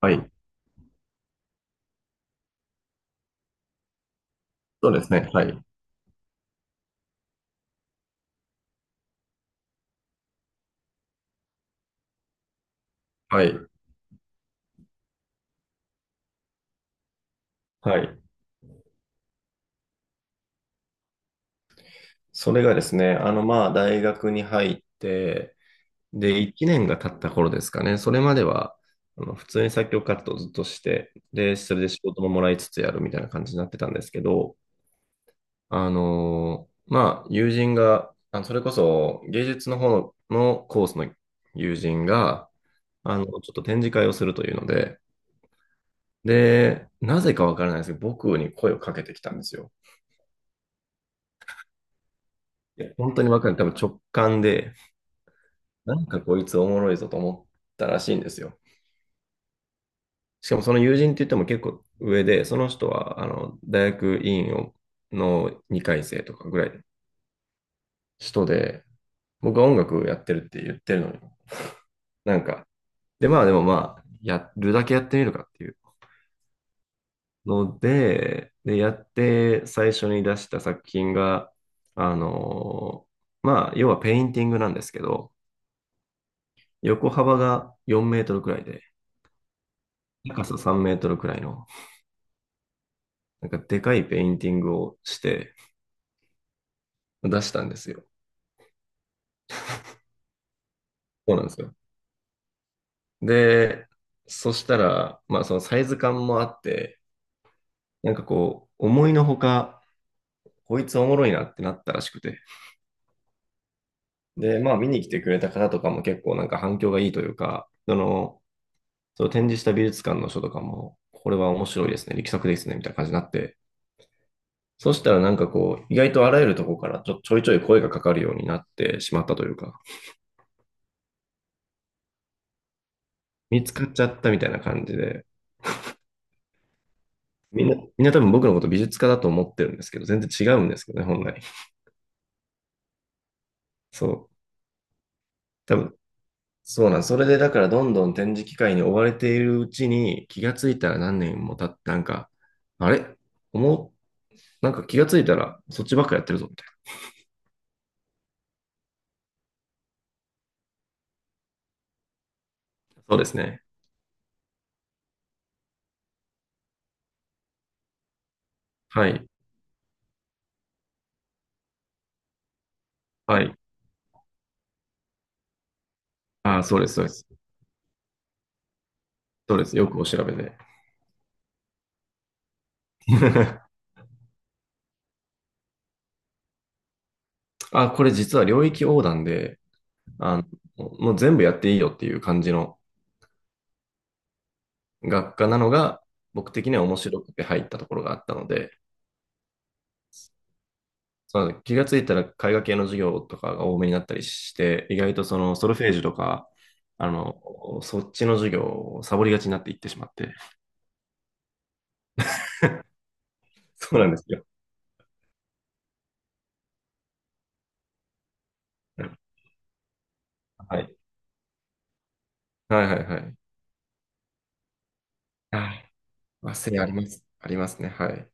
はい。そうですね。はい。はい。はい。それがですね、大学に入って、で、1年が経った頃ですかね。それまでは、普通に作曲活動をずっとして、で、それで仕事ももらいつつやるみたいな感じになってたんですけど、友人が、それこそ芸術の方のコースの友人が、ちょっと展示会をするというので、で、なぜかわからないですけど、僕に声をかけてきたんですよ。いや本当にわかんない。多分直感で、なんかこいつおもろいぞと思ったらしいんですよ。しかもその友人って言っても結構上で、その人は大学院をの2回生とかぐらいの人で、僕は音楽やってるって言ってるのに、なんか、で、まあでもまあ、やるだけやってみるかっていうので、で、やって最初に出した作品が、あの要はペインティングなんですけど、横幅が4メートルくらいで、高さ3メートルくらいの、なんかでかいペインティングをして出したんですよ。そうなんですよ。で、そしたら、まあそのサイズ感もあって、なんかこう、思いのほか、こいつおもろいなってなったらしくて。で、まあ見に来てくれた方とかも結構なんか反響がいいというか、その展示した美術館の書とかも、これは面白いですね、力作ですね、みたいな感じになって、そしたらなんかこう、意外とあらゆるとこからちょいちょい声がかかるようになってしまったというか、見つかっちゃったみたいな感じで、みんな多分僕のこと美術家だと思ってるんですけど、全然違うんですけどね、本来。そう。多分、そうなん。それでだからどんどん展示機会に追われているうちに気がついたら何年も経って、なんか、あれ思う、なんか気がついたらそっちばっかやってるぞ、みたいな。そうですね。はい。はい。ああ、そうです、そうです。そうです。よくお調べで。あ、これ実は領域横断で、あもう全部やっていいよっていう感じの学科なのが、僕的には面白くて入ったところがあったので、そうなんです。気がついたら絵画系の授業とかが多めになったりして、意外とそのソルフェージュとか、そっちの授業をサボりがちになっていってしまって。そうなんですよ。はい。はいはいはい。はい。忘れあります。ありますね。はい。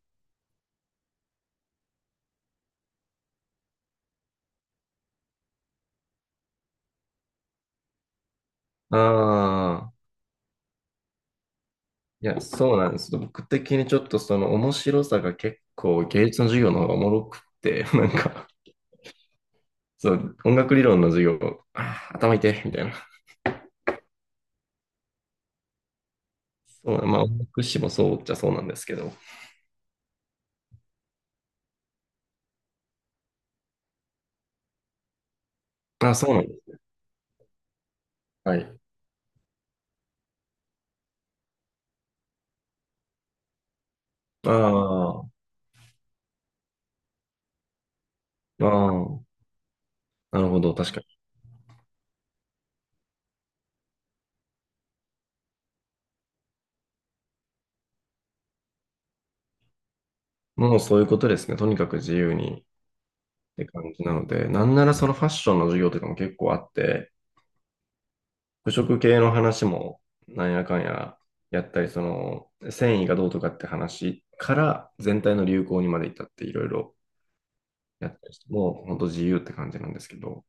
ああ、いや、そうなんですよ。僕的にちょっとその面白さが結構芸術の授業の方がおもろくって、なんか、そう、音楽理論の授業、あー頭痛いみたいな。そう、まあ、音楽史もそうっちゃそうなんですけど。あ、そうなんです。はい。ああ、ああ、なるほど、確かに。もうそういうことですね。とにかく自由にって感じなので、なんならそのファッションの授業とかも結構あって、服飾系の話もなんやかんややったり、その繊維がどうとかって話から全体の流行にまで至ったっていろいろやったりして、もう本当自由って感じなんですけど、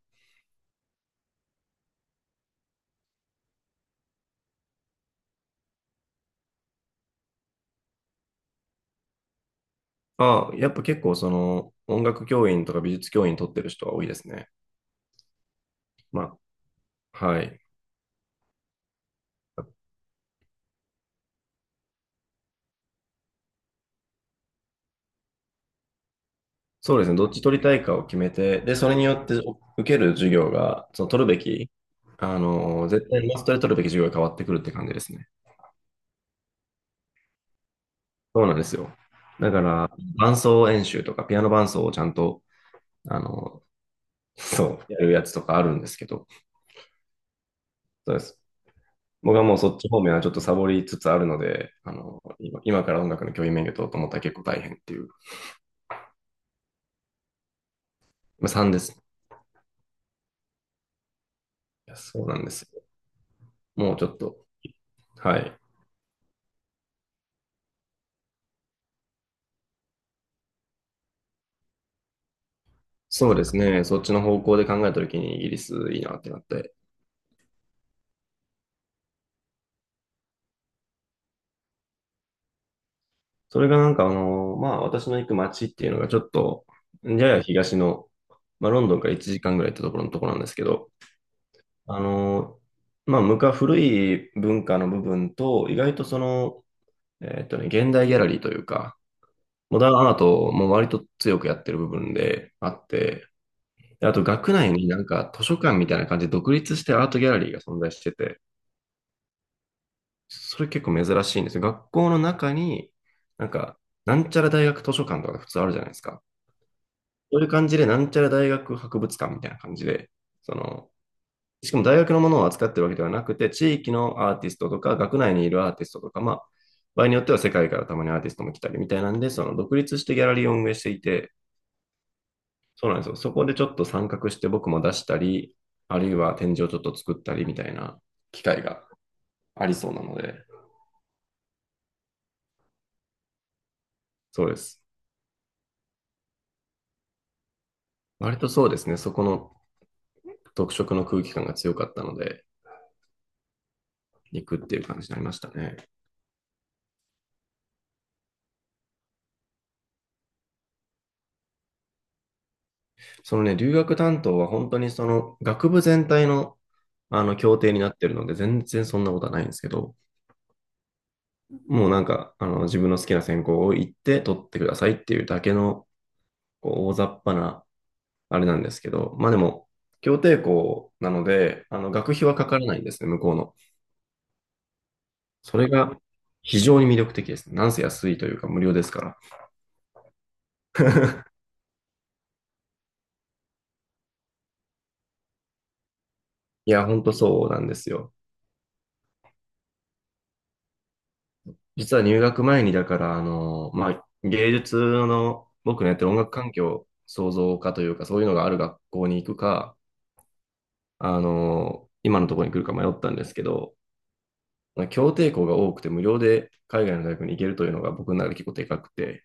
ああ、やっぱ結構その音楽教員とか美術教員取ってる人は多いですね。まあ、はい。そうですね、どっち取りたいかを決めて、で、それによってお受ける授業が、その取るべき、絶対マストで取るべき授業が変わってくるって感じですね。そうなんですよ。だから、伴奏演習とか、ピアノ伴奏をちゃんと、あの、そう、やるやつとかあるんですけど、そうです。僕はもうそっち方面はちょっとサボりつつあるので、今から音楽の教員免許取ろうと思ったら結構大変っていう。まあ、3です。いやそうなんですよ。もうちょっと、はい。そうですね。そっちの方向で考えたときにイギリスいいなってなって。それがなんかまあ私の行く街っていうのがちょっと、やや東の、まあロンドンから1時間ぐらい行ってところのところなんですけど、あの、まあ昔古い文化の部分と、意外とその、現代ギャラリーというか、モダンアートも割と強くやってる部分であって、であと学内になんか図書館みたいな感じで独立してアートギャラリーが存在してて、それ結構珍しいんですよ。学校の中に、なんか、なんちゃら大学図書館とか普通あるじゃないですか。そういう感じで、なんちゃら大学博物館みたいな感じで、その、しかも大学のものを扱ってるわけではなくて、地域のアーティストとか、学内にいるアーティストとか、まあ、場合によっては世界からたまにアーティストも来たりみたいなんで、その独立してギャラリーを運営していて、そうなんですよ。そこでちょっと参画して僕も出したり、あるいは展示をちょっと作ったりみたいな機会がありそうなので、そうです。割とそうですね、そこの特色の空気感が強かったので、行くっていう感じになりましたね。そのね、留学担当は本当にその学部全体の協定になってるので、全然そんなことはないんですけど、もうなんか自分の好きな専攻を行って取ってくださいっていうだけのこう大雑把なあれなんですけど、まあでも、協定校なので、学費はかからないんですね、向こうの。それが非常に魅力的ですね。なんせ安いというか無料ですから。いや、ほんとそうなんですよ。実は入学前に、だから、まあ、芸術の、僕のやってる音楽環境創造科というか、そういうのがある学校に行くか、今のところに来るか迷ったんですけど、まあ協定校が多くて無料で海外の大学に行けるというのが僕の中で結構でかくて、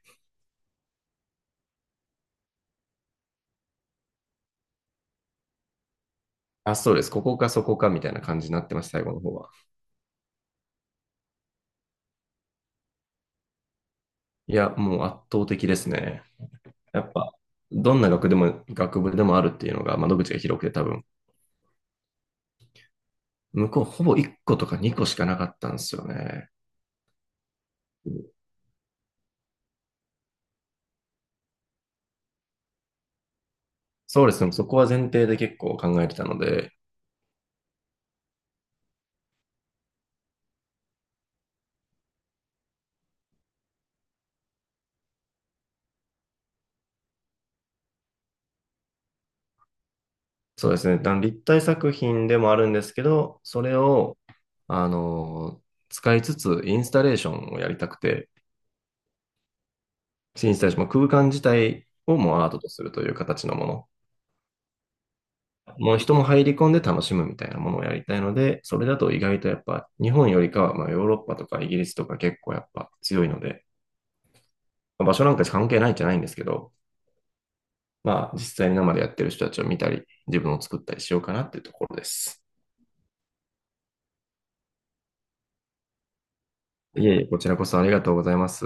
あ、そうです。ここかそこかみたいな感じになってました、最後の方は。いや、もう圧倒的ですね。やっぱ、どんな学でも、学部でもあるっていうのが窓口が広くて多分、向こうほぼ1個とか2個しかなかったんですよね。そうですね。そこは前提で結構考えてたので、そうですね。あの立体作品でもあるんですけど、それを、あの、使いつつインスタレーションをやりたくて、インスタレーション、まあ空間自体をもうアートとするという形のもの。もう人も入り込んで楽しむみたいなものをやりたいので、それだと意外とやっぱ日本よりかは、まあ、ヨーロッパとかイギリスとか結構やっぱ強いので、まあ場所なんか関係ないんじゃないんですけど、まあ実際に生でやってる人たちを見たり、自分を作ったりしようかなっていうところです。いえいえ、こちらこそありがとうございます。